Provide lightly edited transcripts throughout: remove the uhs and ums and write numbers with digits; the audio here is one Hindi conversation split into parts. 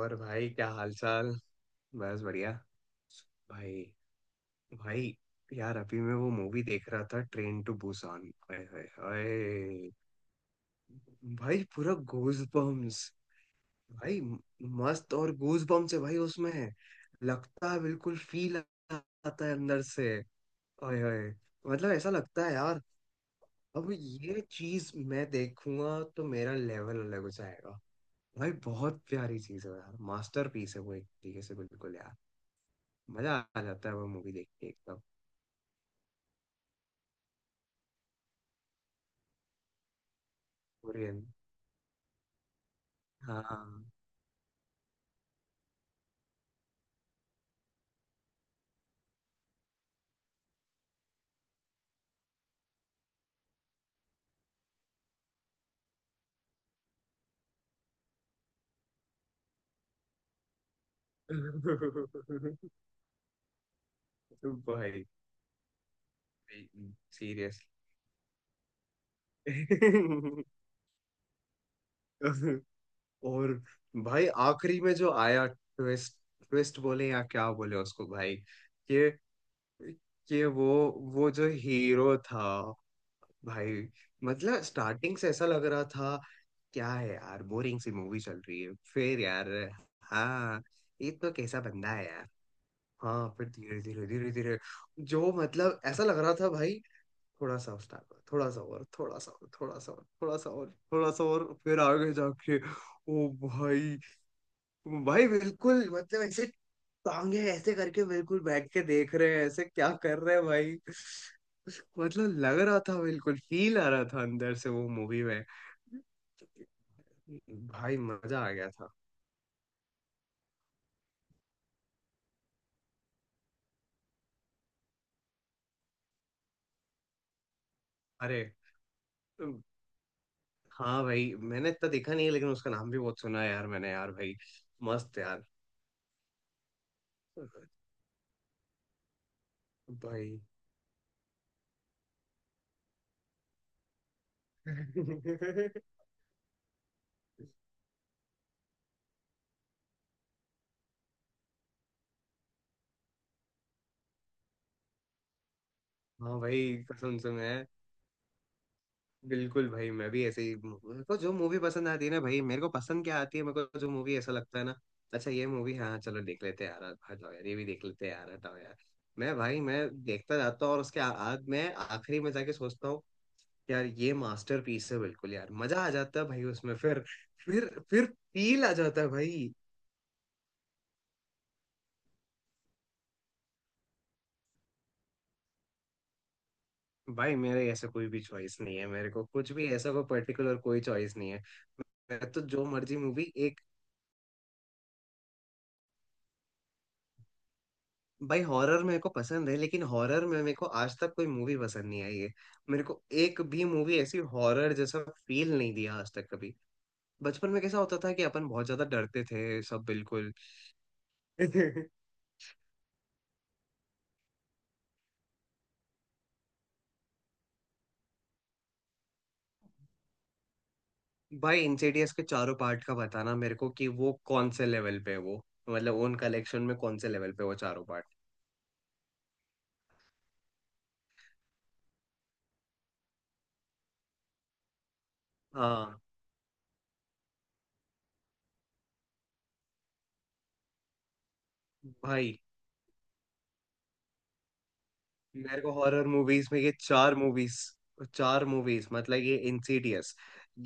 और भाई क्या हाल चाल। बस बढ़िया। भाई। भाई। यार अभी मैं वो मूवी देख रहा था ट्रेन टू बुसान। हाय हाय हाय। भाई पूरा गूज बम्स। भाई मस्त और गूज बम्स है भाई उसमें। लगता है बिल्कुल फील आता है अंदर से। हाय हाय। मतलब ऐसा लगता है यार। अब ये चीज मैं देखूंगा तो मेरा लेवल अलग हो जाएगा। भाई बहुत प्यारी चीज है यार, मास्टरपीस है वो एक तरीके से बिल्कुल यार। मजा आ जाता है वो मूवी देख के एकदम। कोरियन। हाँ। भाई। सीरियसली। और भाई आखिरी में जो आया ट्विस्ट, ट्विस्ट बोले या क्या बोले उसको भाई। कि कि वो वो जो हीरो था भाई, मतलब स्टार्टिंग से ऐसा लग रहा था क्या है यार, बोरिंग सी मूवी चल रही है फिर यार। हाँ, ये तो कैसा बंदा है। हाँ फिर धीरे धीरे धीरे धीरे जो मतलब ऐसा लग रहा था भाई, थोड़ा सा उस टाइम थोड़ा सा और थोड़ा सा और थोड़ा सा और थोड़ा सा और थोड़ा सा और फिर आगे जाके ओ भाई। भाई बिल्कुल मतलब ऐसे टांगे ऐसे करके बिल्कुल बैठ के देख रहे हैं ऐसे, क्या कर रहे हैं भाई। मतलब लग रहा था बिल्कुल फील आ रहा था अंदर से वो मूवी में। भाई मजा आ गया था। अरे हाँ भाई, मैंने इतना देखा नहीं है लेकिन उसका नाम भी बहुत सुना है यार मैंने, यार भाई। मस्त यार। भाई। हाँ भाई कसम से मैं बिल्कुल भाई, मैं भी ऐसे ही, मेरे को जो मूवी पसंद आती है ना भाई, मेरे को पसंद क्या आती है, मेरे को जो मूवी ऐसा लगता है ना अच्छा ये मूवी, हाँ चलो देख लेते हैं यार, हटाओ यार ये भी देख लेते हैं यार, हटाओ यार। मैं भाई मैं देखता जाता हूँ और उसके आज मैं आखिरी में जाके सोचता हूँ यार ये मास्टरपीस है बिल्कुल यार, मजा आ जाता है भाई उसमें फिर। फिर फील आ जाता है भाई। भाई मेरे ऐसा कोई भी चॉइस नहीं है, मेरे को कुछ भी ऐसा कोई पर्टिकुलर कोई चॉइस नहीं है। मैं तो जो मर्जी मूवी एक। भाई हॉरर मेरे को पसंद है लेकिन हॉरर में मेरे को आज तक कोई मूवी पसंद नहीं आई है। मेरे को एक भी मूवी ऐसी हॉरर जैसा फील नहीं दिया आज तक कभी। बचपन में कैसा होता था कि अपन बहुत ज्यादा डरते थे सब बिल्कुल। भाई इंसिडियस के चारों पार्ट का बताना मेरे को कि वो कौन से लेवल पे है वो, मतलब उन कलेक्शन में कौन से लेवल पे है वो चारों पार्ट। हाँ। भाई मेरे को हॉरर मूवीज में ये चार मूवीज, चार मूवीज मतलब ये इंसीडियस,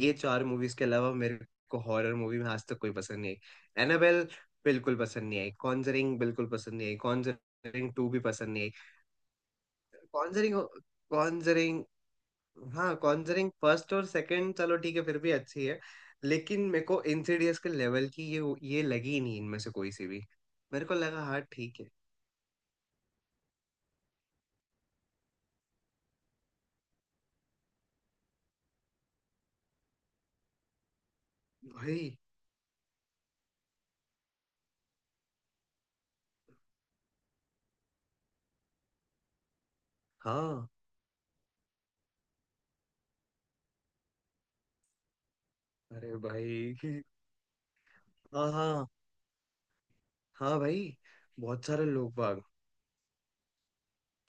ये चार मूवीज के अलावा मेरे को हॉरर मूवी में आज तक कोई पसंद नहीं आई। एनाबेल बिल्कुल पसंद नहीं आई, कॉन्जरिंग बिल्कुल पसंद नहीं आई, कॉन्जरिंग टू भी पसंद नहीं आई। Conjuring Conjuring. हाँ कॉन्जरिंग फर्स्ट और सेकंड चलो ठीक है फिर भी अच्छी है, लेकिन मेरे को इंसीडियस के लेवल की ये लगी ही नहीं इनमें से कोई सी भी। मेरे को लगा हाँ ठीक है। भाई। हाँ। अरे भाई। हाँ हाँ हाँ। भाई बहुत सारे लोग बाग,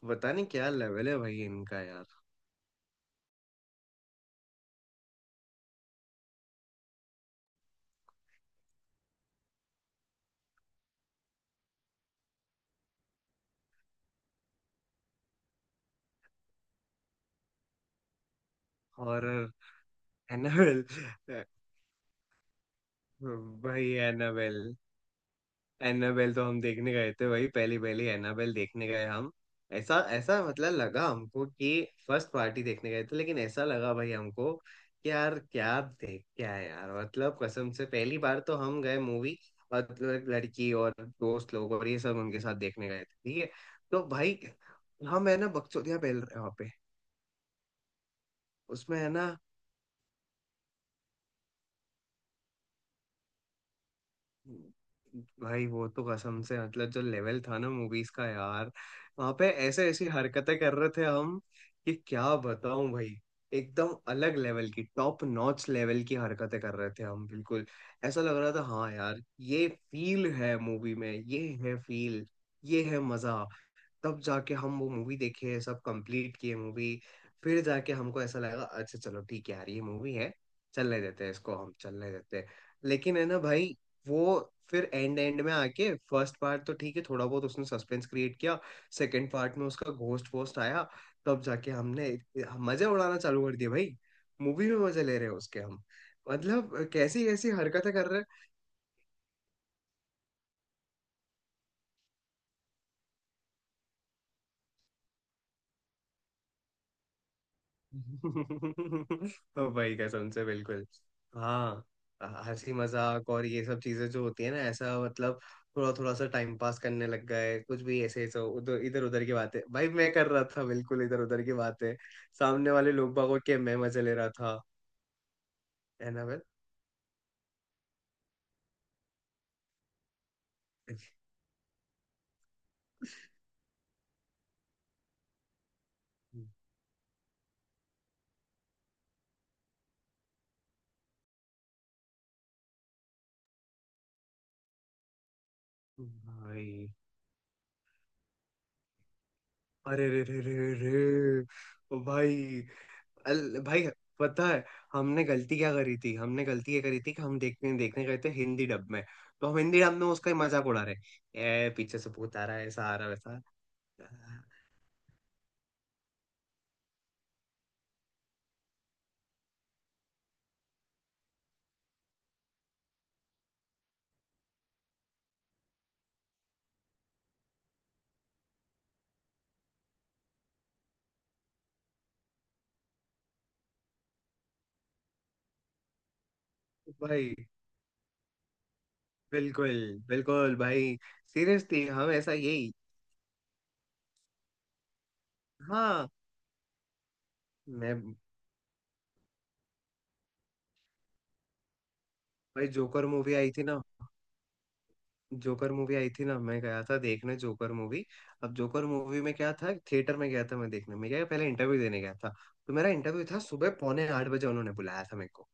पता नहीं क्या लेवल है भाई इनका यार। हॉरर। एनाबेल। भाई एनाबेल, एनाबेल तो हम देखने गए थे भाई, पहली पहली एनाबेल देखने गए हम। ऐसा ऐसा मतलब लगा हमको कि फर्स्ट पार्टी देखने गए थे, लेकिन ऐसा लगा भाई हमको कि यार क्या देख क्या है यार, मतलब कसम से पहली बार तो हम गए मूवी, और लड़की और दोस्त लोग और ये सब उनके साथ देखने गए थे ठीक है, तो भाई हम है ना बकचोदिया पहल उसमें है ना भाई। वो तो कसम से मतलब जो लेवल था ना मूवीज का यार, वहां पे ऐसे ऐसी हरकतें कर रहे थे हम कि क्या बताऊं भाई। एकदम अलग लेवल की टॉप नॉच लेवल की हरकतें कर रहे थे हम बिल्कुल। ऐसा लग रहा था हाँ यार, ये फील है मूवी में, ये है फील, ये है मजा। तब जाके हम वो मूवी देखे, सब कंप्लीट किए मूवी। फिर जाके हमको ऐसा लगा अच्छा चलो ठीक है यार ये मूवी है, चलने देते हैं इसको, हम चलने देते हैं, लेकिन है ना भाई वो फिर एंड एंड में आके फर्स्ट पार्ट तो ठीक है थोड़ा बहुत उसने सस्पेंस क्रिएट किया, सेकंड पार्ट में उसका घोस्ट वोस्ट आया, तब जाके हमने मजे उड़ाना चालू कर दिया भाई। मूवी में मजे ले रहे हैं उसके हम, मतलब कैसी कैसी हरकतें कर रहे हैं। तो भाई कसम से बिल्कुल। हाँ, हंसी मजाक और ये सब चीजें जो होती है ना ऐसा मतलब, थोड़ा थोड़ा सा टाइम पास करने लग गए कुछ भी ऐसे ऐसे उधर, इधर उधर की बातें भाई मैं कर रहा था बिल्कुल, इधर उधर की बातें। सामने वाले लोग बागों के मैं मजे ले रहा था है ना भाई। भाई अरे रे रे रे रे। भाई अल भाई, पता है हमने गलती क्या करी थी, हमने गलती ये करी थी कि हम देखने देखने गए थे हिंदी डब में, तो हम हिंदी डब में उसका ही मजाक उड़ा रहे, ए पीछे से भूत आ रहा है ऐसा आ रहा है वैसा आ रहा है। भाई बिल्कुल, बिल्कुल भाई। सीरियसली हम ऐसा यही। हाँ। मैं। भाई जोकर मूवी आई थी ना, जोकर मूवी आई थी ना मैं गया था देखने जोकर मूवी। अब जोकर मूवी में क्या था, थिएटर में गया था मैं देखने, मैं क्या पहले इंटरव्यू देने गया था। तो मेरा इंटरव्यू था सुबह पौने 8 बजे, उन्होंने बुलाया था मेरे को।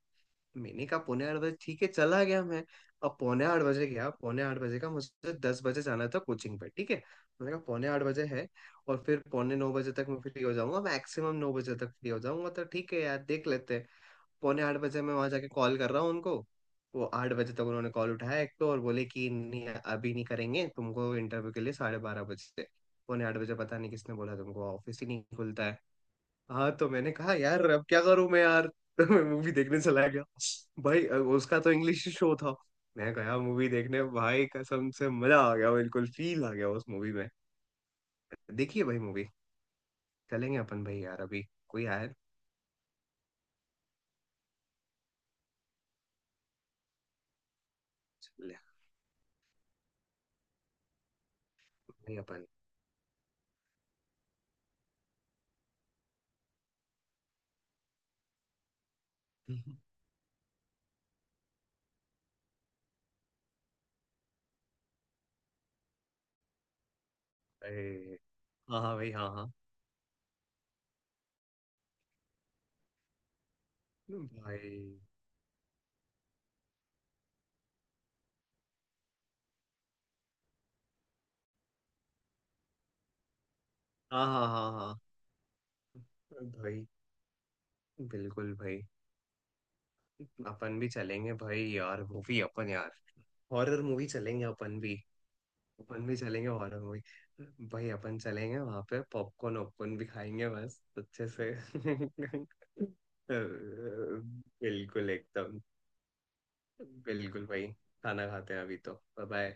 मैंने कहा पौने 8 बजे ठीक है, चला गया मैं। अब पौने 8 बजे गया, पौने 8 बजे का मुझे 10 बजे जाना था कोचिंग पे, ठीक है मैंने कहा पौने आठ बजे है और फिर पौने 9 बजे तक मैं फ्री हो जाऊंगा, मैक्सिमम 9 बजे तक फ्री हो जाऊंगा, तो ठीक है यार देख लेते हैं। पौने 8 बजे मैं वहां जाके कॉल कर रहा हूँ उनको, वो 8 बजे तक उन्होंने कॉल उठाया एक तो, और बोले कि नहीं अभी नहीं करेंगे तुमको इंटरव्यू के लिए, 12:30 बजे। पौने 8 बजे पता नहीं किसने बोला तुमको, ऑफिस ही नहीं खुलता है। हाँ तो मैंने कहा यार अब क्या करूं मैं यार। तो मैं मूवी देखने चला गया भाई। उसका तो इंग्लिश शो था, मैं गया मूवी देखने भाई, कसम से मजा आ गया बिल्कुल, फील आ गया उस मूवी में। देखिए भाई मूवी चलेंगे अपन भाई यार अभी। कोई आया। चले भाई अपन। अरे हाँ हाँ भाई, हाँ हाँ भाई, हाँ हाँ हाँ हाँ भाई, बिल्कुल भाई। अपन भी चलेंगे भाई यार मूवी अपन यार, हॉरर मूवी चलेंगे अपन भी, अपन भी चलेंगे हॉरर मूवी। भाई अपन चलेंगे वहां पे पॉपकॉर्न वॉपकॉर्न भी खाएंगे बस अच्छे से। बिल्कुल एकदम, बिल्कुल भाई। खाना खाते हैं, अभी तो बाय।